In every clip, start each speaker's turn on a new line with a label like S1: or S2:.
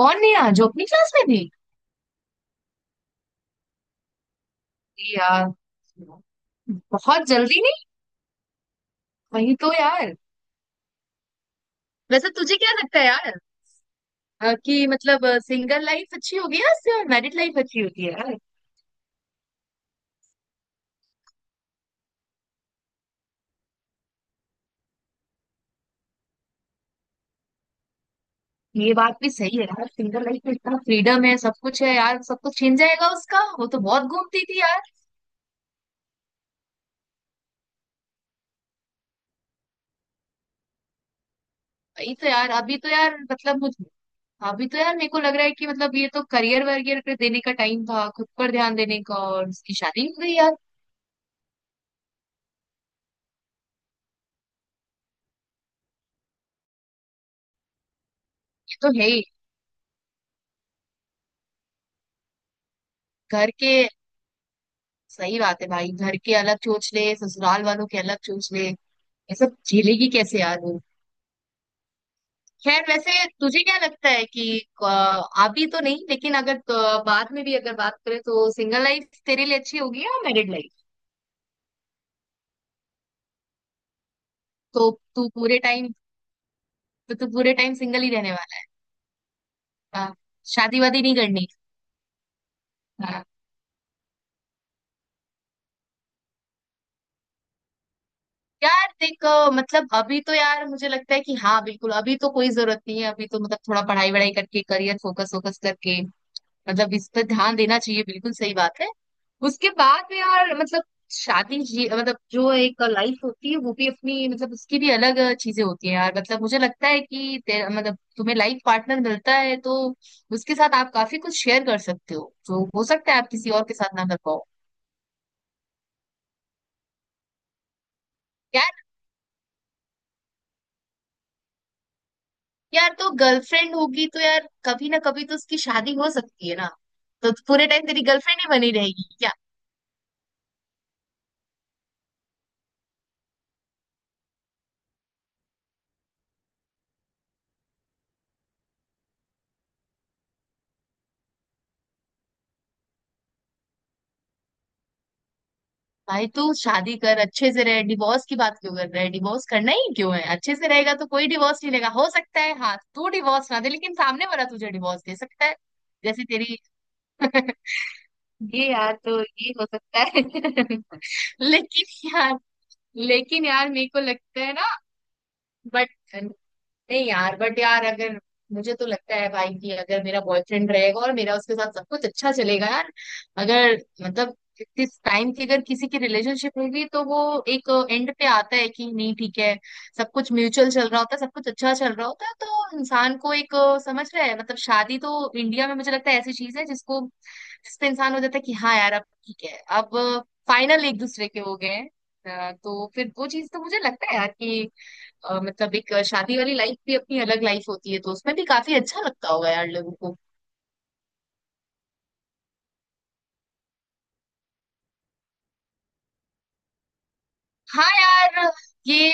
S1: कौन नेहा जो अपनी क्लास में थी? अरे यार, बहुत जल्दी नहीं। वही तो यार। वैसे तुझे क्या लगता है यार, अ, कि मतलब सिंगल लाइफ अच्छी होगी या सिर्फ मैरिड लाइफ अच्छी होती है यार? ये बात भी सही है यार, सिंगल लाइफ में इतना फ्रीडम है, सब कुछ है यार। सब कुछ छिन जाएगा उसका, वो तो बहुत घूमती थी यार। वही तो यार, अभी तो यार मतलब मुझे, अभी तो यार मेरे को लग रहा है कि मतलब ये तो करियर वरियर पे देने का टाइम था, खुद पर ध्यान देने का, और उसकी शादी हो गई यार। ये तो है ही। घर के, सही बात है भाई, घर के अलग सोच ले, ससुराल वालों के अलग सोच ले। ये सब झेलेगी कैसे यार वो? खैर, वैसे तुझे क्या लगता है कि अभी तो नहीं, लेकिन अगर बाद में भी अगर बात करें तो सिंगल लाइफ तेरे लिए अच्छी होगी या मैरिड लाइफ? तो तू पूरे टाइम तो तू पूरे टाइम सिंगल ही रहने वाला है? हाँ, शादी वादी नहीं करनी? हाँ। यार देख, मतलब अभी तो यार मुझे लगता है कि हाँ, बिल्कुल अभी तो कोई जरूरत नहीं है, अभी तो मतलब थोड़ा पढ़ाई वढ़ाई करके, करियर फोकस वोकस करके, मतलब इस पर ध्यान देना चाहिए, बिल्कुल सही बात है। उसके बाद में यार मतलब, शादी जी, मतलब जो एक लाइफ होती है वो भी अपनी, मतलब उसकी भी अलग चीजें होती है यार। मतलब मुझे लगता है कि तेरा, मतलब तुम्हें लाइफ पार्टनर मिलता है तो उसके साथ आप काफी कुछ शेयर कर सकते हो जो हो सकता है आप किसी और के साथ ना कर पाओ। यार यार तो गर्लफ्रेंड होगी तो यार कभी ना कभी तो उसकी शादी हो सकती है ना। तो पूरे टाइम तेरी गर्लफ्रेंड ही बनी रहेगी क्या? भाई तू शादी कर, अच्छे से रहे। डिवोर्स की बात क्यों कर रहा है? डिवोर्स करना ही क्यों है? अच्छे से रहेगा तो कोई डिवोर्स नहीं लेगा। हो सकता है, हाँ, तू डिवोर्स ना दे, लेकिन सामने वाला तुझे डिवोर्स दे सकता है। जैसे तेरी ये यार, तो ये हो सकता है। लेकिन यार, मेरे को लगता है ना, बट, नहीं यार, बट यार, अगर, मुझे तो लगता है भाई कि अगर मेरा बॉयफ्रेंड रहेगा और मेरा उसके साथ सब कुछ अच्छा चलेगा यार, अगर, मतलब, इस टाइम की अगर किसी की रिलेशनशिप होगी तो वो एक एंड पे आता है कि नहीं ठीक है। सब कुछ म्यूचुअल चल रहा होता है, सब कुछ अच्छा चल रहा होता है तो इंसान को एक समझ रहा है मतलब, शादी तो इंडिया में मुझे लगता है ऐसी चीज है जिसको, जिसपे इंसान हो जाता है कि हाँ यार, अब ठीक है, अब फाइनल एक दूसरे के हो गए हैं। तो फिर वो चीज तो मुझे लगता है यार कि मतलब एक शादी वाली लाइफ भी अपनी अलग लाइफ होती है, तो उसमें भी काफी अच्छा लगता होगा यार लोगों को। हाँ यार, ये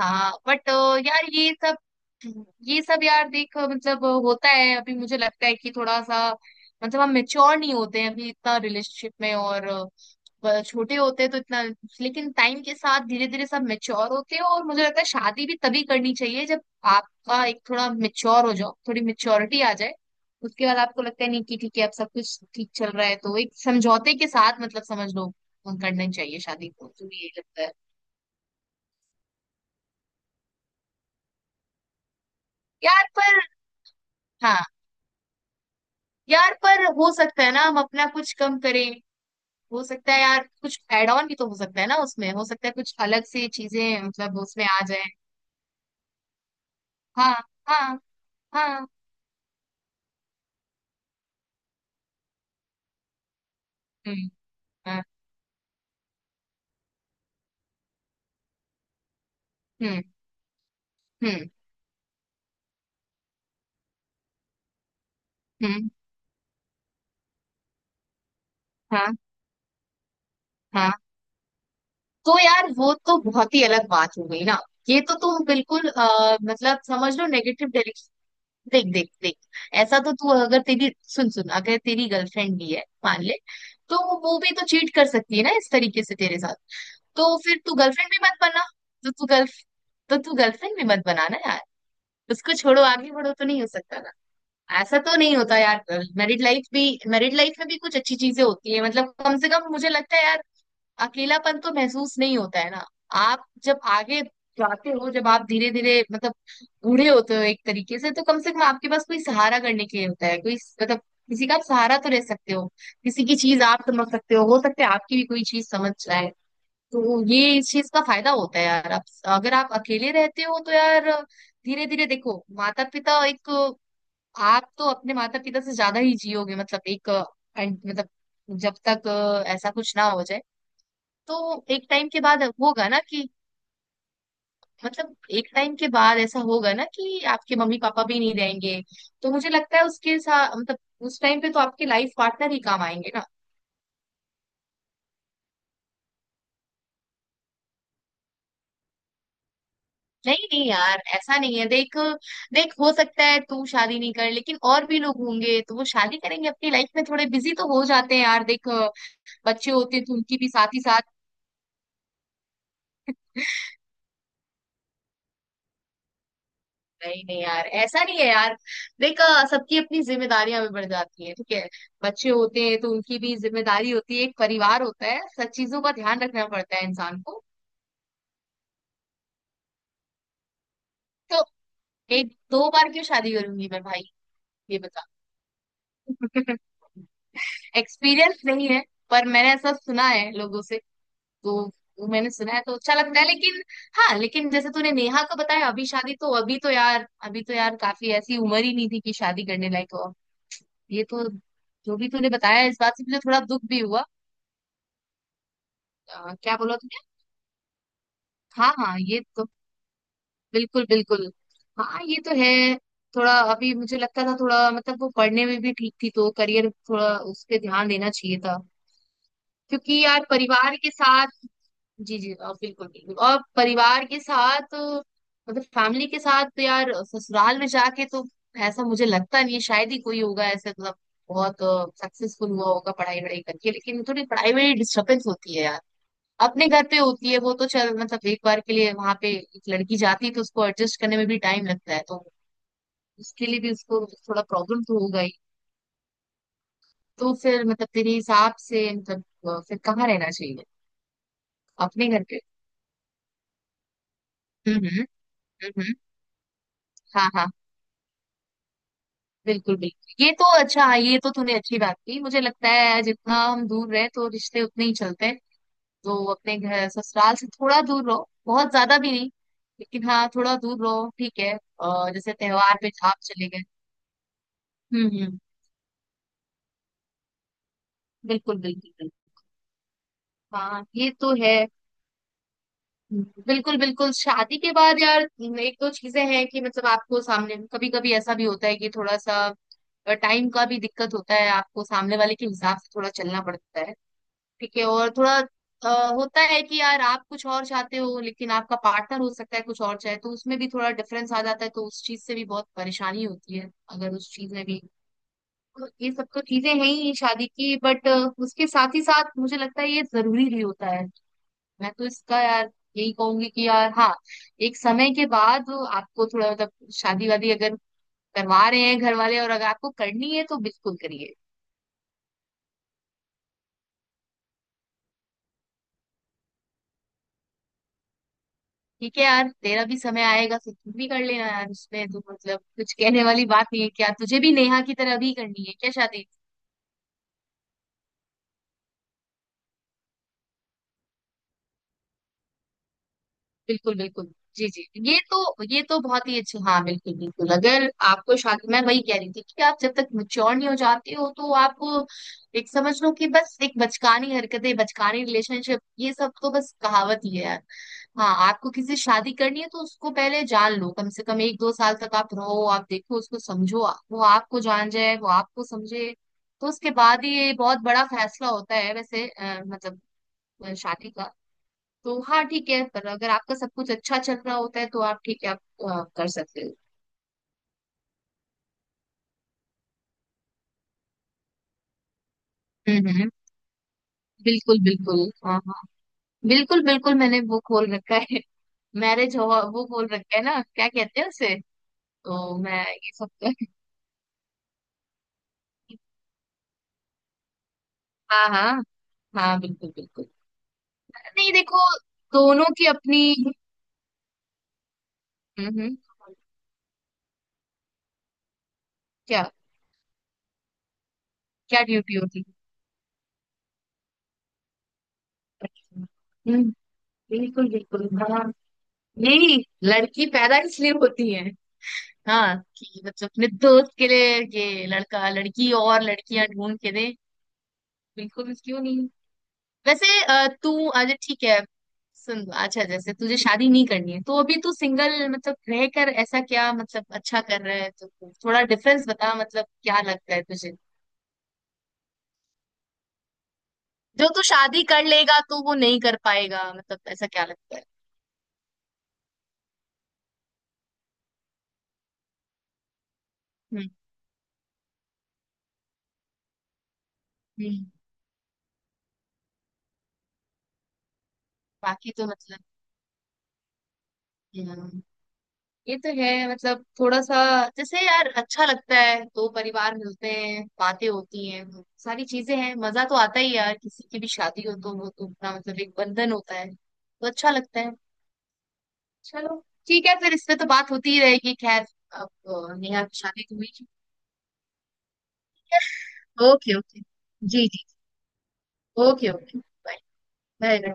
S1: हाँ बट ये सब, यार देख, मतलब होता है अभी, मुझे लगता है कि थोड़ा सा मतलब हम मेच्योर नहीं होते हैं अभी इतना रिलेशनशिप में, और छोटे होते हैं तो इतना, लेकिन टाइम के साथ धीरे धीरे सब मेच्योर होते हैं, और मुझे लगता है शादी भी तभी करनी चाहिए जब आपका एक थोड़ा मेच्योर हो जाओ, थोड़ी मेच्योरिटी आ जाए। उसके बाद आपको लगता है नहीं कि ठीक है, अब सब कुछ ठीक चल रहा है, तो एक समझौते के साथ मतलब समझ लो करना चाहिए शादी को, तो ये लगता है। यार पर, हाँ, यार पर हो सकता है ना हम अपना कुछ कम करें, हो सकता है यार कुछ एड ऑन भी तो हो सकता है ना उसमें, हो सकता है कुछ अलग से चीजें मतलब उसमें आ जाए। हाँ हाँ हाँ, हम्म, हाँ, हम्म हम्म हम्म, हाँ हाँ। तो यार वो तो बहुत ही अलग बात हो गई ना। ये तो तुम बिल्कुल मतलब समझ लो नेगेटिव। देख देख देख, ऐसा तो तू, अगर तेरी, सुन सुन, अगर तेरी गर्लफ्रेंड भी है मान ले, तो वो भी तो चीट कर सकती है ना इस तरीके से तेरे साथ। तो फिर तू गर्लफ्रेंड भी मत बना, तो तू गर्ल तो तू गर्लफ्रेंड भी मत बनाना यार। उसको छोड़ो आगे बढ़ो तो नहीं हो सकता ना, ऐसा तो नहीं होता यार। मैरिड लाइफ भी मैरिड लाइफ में भी कुछ अच्छी चीजें होती है, मतलब कम से कम मुझे लगता है यार। अकेलापन तो महसूस नहीं होता है ना। आप जब आगे जाते हो, जब आप धीरे धीरे मतलब बूढ़े होते हो एक तरीके से, तो कम से कम आपके पास कोई सहारा करने के लिए होता है, कोई, मतलब किसी का आप सहारा तो रह सकते हो, किसी की चीज आप समझ सकते हो सकता है आपकी भी कोई चीज समझ जाए। तो ये इस चीज का फायदा होता है यार। आप, अगर आप अकेले रहते हो तो यार, धीरे धीरे देखो माता पिता, एक, आप तो अपने माता पिता से ज्यादा ही जियोगे मतलब एक, मतलब जब तक ऐसा कुछ ना हो जाए। तो एक टाइम के बाद होगा ना कि मतलब एक टाइम के बाद ऐसा होगा ना कि आपके मम्मी पापा भी नहीं रहेंगे, तो मुझे लगता है उसके साथ मतलब, उस टाइम पे तो आपके लाइफ पार्टनर ही काम आएंगे ना। नहीं नहीं यार, ऐसा नहीं है, देख, देख हो सकता है तू शादी नहीं कर, लेकिन और भी लोग होंगे तो वो शादी करेंगे, अपनी लाइफ में थोड़े बिजी तो हो जाते हैं यार, देख, बच्चे होते हैं तो उनकी भी साथ ही साथ। नहीं नहीं यार, ऐसा नहीं है यार। देख, सबकी अपनी जिम्मेदारियां भी बढ़ जाती है, ठीक है, बच्चे होते हैं तो उनकी भी जिम्मेदारी होती है, एक परिवार होता है, सब चीजों का ध्यान रखना पड़ता है इंसान को। तो एक दो बार क्यों शादी करूंगी मैं भाई? ये बता। एक्सपीरियंस नहीं है, पर मैंने ऐसा सुना है लोगों से, तो वो मैंने सुना है तो अच्छा लगता है, लेकिन हाँ, लेकिन जैसे तूने नेहा का बताया, अभी शादी, तो अभी तो यार, अभी तो यार काफी ऐसी उम्र ही नहीं थी कि शादी करने लायक हो। ये तो, जो भी तूने बताया इस बात से मुझे थोड़ा दुख भी हुआ। क्या बोला तूने? हाँ हाँ, ये तो बिल्कुल बिल्कुल। हाँ ये तो है। थोड़ा अभी मुझे लगता था थोड़ा, मतलब वो पढ़ने में भी ठीक थी, तो करियर थोड़ा उस पे ध्यान देना चाहिए था। क्योंकि यार परिवार के साथ, जी जी, बिल्कुल बिल्कुल, और परिवार के साथ मतलब फैमिली के साथ तो यार ससुराल में जाके तो, ऐसा मुझे लगता नहीं है शायद ही कोई होगा ऐसे मतलब बहुत सक्सेसफुल हुआ होगा पढ़ाई वढ़ाई करके, लेकिन थोड़ी पढ़ाई में डिस्टर्बेंस होती है यार। अपने घर पे होती है वो तो चल, मतलब एक बार के लिए वहां पे एक लड़की जाती है तो उसको एडजस्ट करने में भी टाइम लगता है, तो उसके लिए भी उसको थोड़ा प्रॉब्लम तो हो गई। तो फिर मतलब तेरे हिसाब से मतलब फिर कहाँ रहना चाहिए? अपने घर पे। हम्म, हम्म हम्म, हाँ हाँ। बिल्कुल बिल्कुल, ये तो अच्छा, हाँ, ये तो तूने अच्छी बात की, मुझे लगता है जितना हम दूर रहे तो रिश्ते उतने ही चलते हैं। तो अपने घर ससुराल से थोड़ा दूर रहो, बहुत ज्यादा भी नहीं, लेकिन हाँ, थोड़ा दूर रहो, ठीक है। और जैसे त्योहार पे आप चले गए। हम्म, बिल्कुल बिल्कुल बिल्कुल। हाँ ये तो है। बिल्कुल बिल्कुल, शादी के बाद यार एक दो चीजें हैं कि मतलब आपको सामने कभी कभी ऐसा भी होता है कि थोड़ा सा टाइम का भी दिक्कत होता है, आपको सामने वाले के हिसाब से थोड़ा चलना पड़ता है, ठीक है, और थोड़ा होता है कि यार आप कुछ और चाहते हो लेकिन आपका पार्टनर हो सकता है कुछ और चाहे, तो उसमें भी थोड़ा डिफरेंस आ जाता है, तो उस चीज से भी बहुत परेशानी होती है अगर उस चीज में भी। तो ये सब तो चीजें हैं ही शादी की, बट उसके साथ ही साथ मुझे लगता है ये जरूरी भी होता है। मैं तो इसका यार यही कहूंगी कि यार हाँ, एक समय के बाद आपको थोड़ा मतलब शादी वादी अगर करवा रहे हैं घर वाले और अगर आपको करनी है तो बिल्कुल करिए। ठीक है यार, तेरा भी समय आएगा, फिर तुम भी कर लेना यार, उसमें तो मतलब कुछ कहने वाली बात नहीं है। क्या तुझे भी नेहा की तरह भी करनी है क्या शादी? बिल्कुल बिल्कुल, जी जी, ये तो, ये तो बहुत ही अच्छा, हाँ, बिल्कुल बिल्कुल, अगर आपको शादी, मैं वही कह रही थी कि आप जब तक मैच्योर नहीं हो जाते हो तो आप एक समझ लो कि बस, एक बचकानी हरकतें बचकानी रिलेशनशिप ये सब तो बस कहावत ही है यार। हाँ, आपको किसी से शादी करनी है तो उसको पहले जान लो, कम से कम एक दो साल तक आप रहो, आप देखो उसको, समझो, वो आपको जान जाए, वो आपको समझे, तो उसके बाद ही, ये बहुत बड़ा फैसला होता है वैसे मतलब शादी का। तो हाँ ठीक है, पर अगर आपका सब कुछ अच्छा चल रहा होता है तो आप ठीक है, आप कर सकते हो। हम्म हम्म, बिल्कुल बिल्कुल, हाँ हाँ, बिल्कुल बिल्कुल, मैंने वो खोल रखा है। मैरिज हो, वो खोल रखा है ना, क्या कहते हैं उसे, तो मैं ये सब कर हाँ हाँ, हाँ बिल्कुल बिल्कुल। नहीं देखो, दोनों की अपनी, हम्म हम्म, क्या, क्या ड्यूटी होती है? हम्म, बिल्कुल बिल्कुल, हाँ, यही, लड़की पैदा इसलिए होती है, हाँ, कि मतलब अपने दोस्त के लिए ये लड़का, लड़की, और लड़कियां ढूंढ के दे। बिल्कुल, क्यों नहीं। वैसे तू अच्छा ठीक है, सुन अच्छा, जैसे तुझे शादी नहीं करनी है, तो अभी तू सिंगल मतलब रह कर ऐसा क्या मतलब अच्छा कर रहा है, तो थोड़ा डिफरेंस बता, मतलब क्या लगता है तुझे जो तू शादी कर लेगा तो वो नहीं कर पाएगा, मतलब ऐसा क्या लगता है? हम्म हम्म, बाकी तो मतलब, हम्म, ये तो है, मतलब थोड़ा सा, जैसे यार अच्छा लगता है, दो परिवार मिलते हैं, बातें होती हैं, वो सारी चीजें हैं, मजा तो आता ही है यार, किसी की भी शादी हो तो वो तो अपना मतलब एक बंधन होता है तो अच्छा लगता है। चलो, ठीक है, फिर इस पे तो बात होती ही रहेगी, खैर, अब नेहा की शादी तो हुई, ठीक है, ओके ओके, जी जी, ओके ओके, बाय बाय।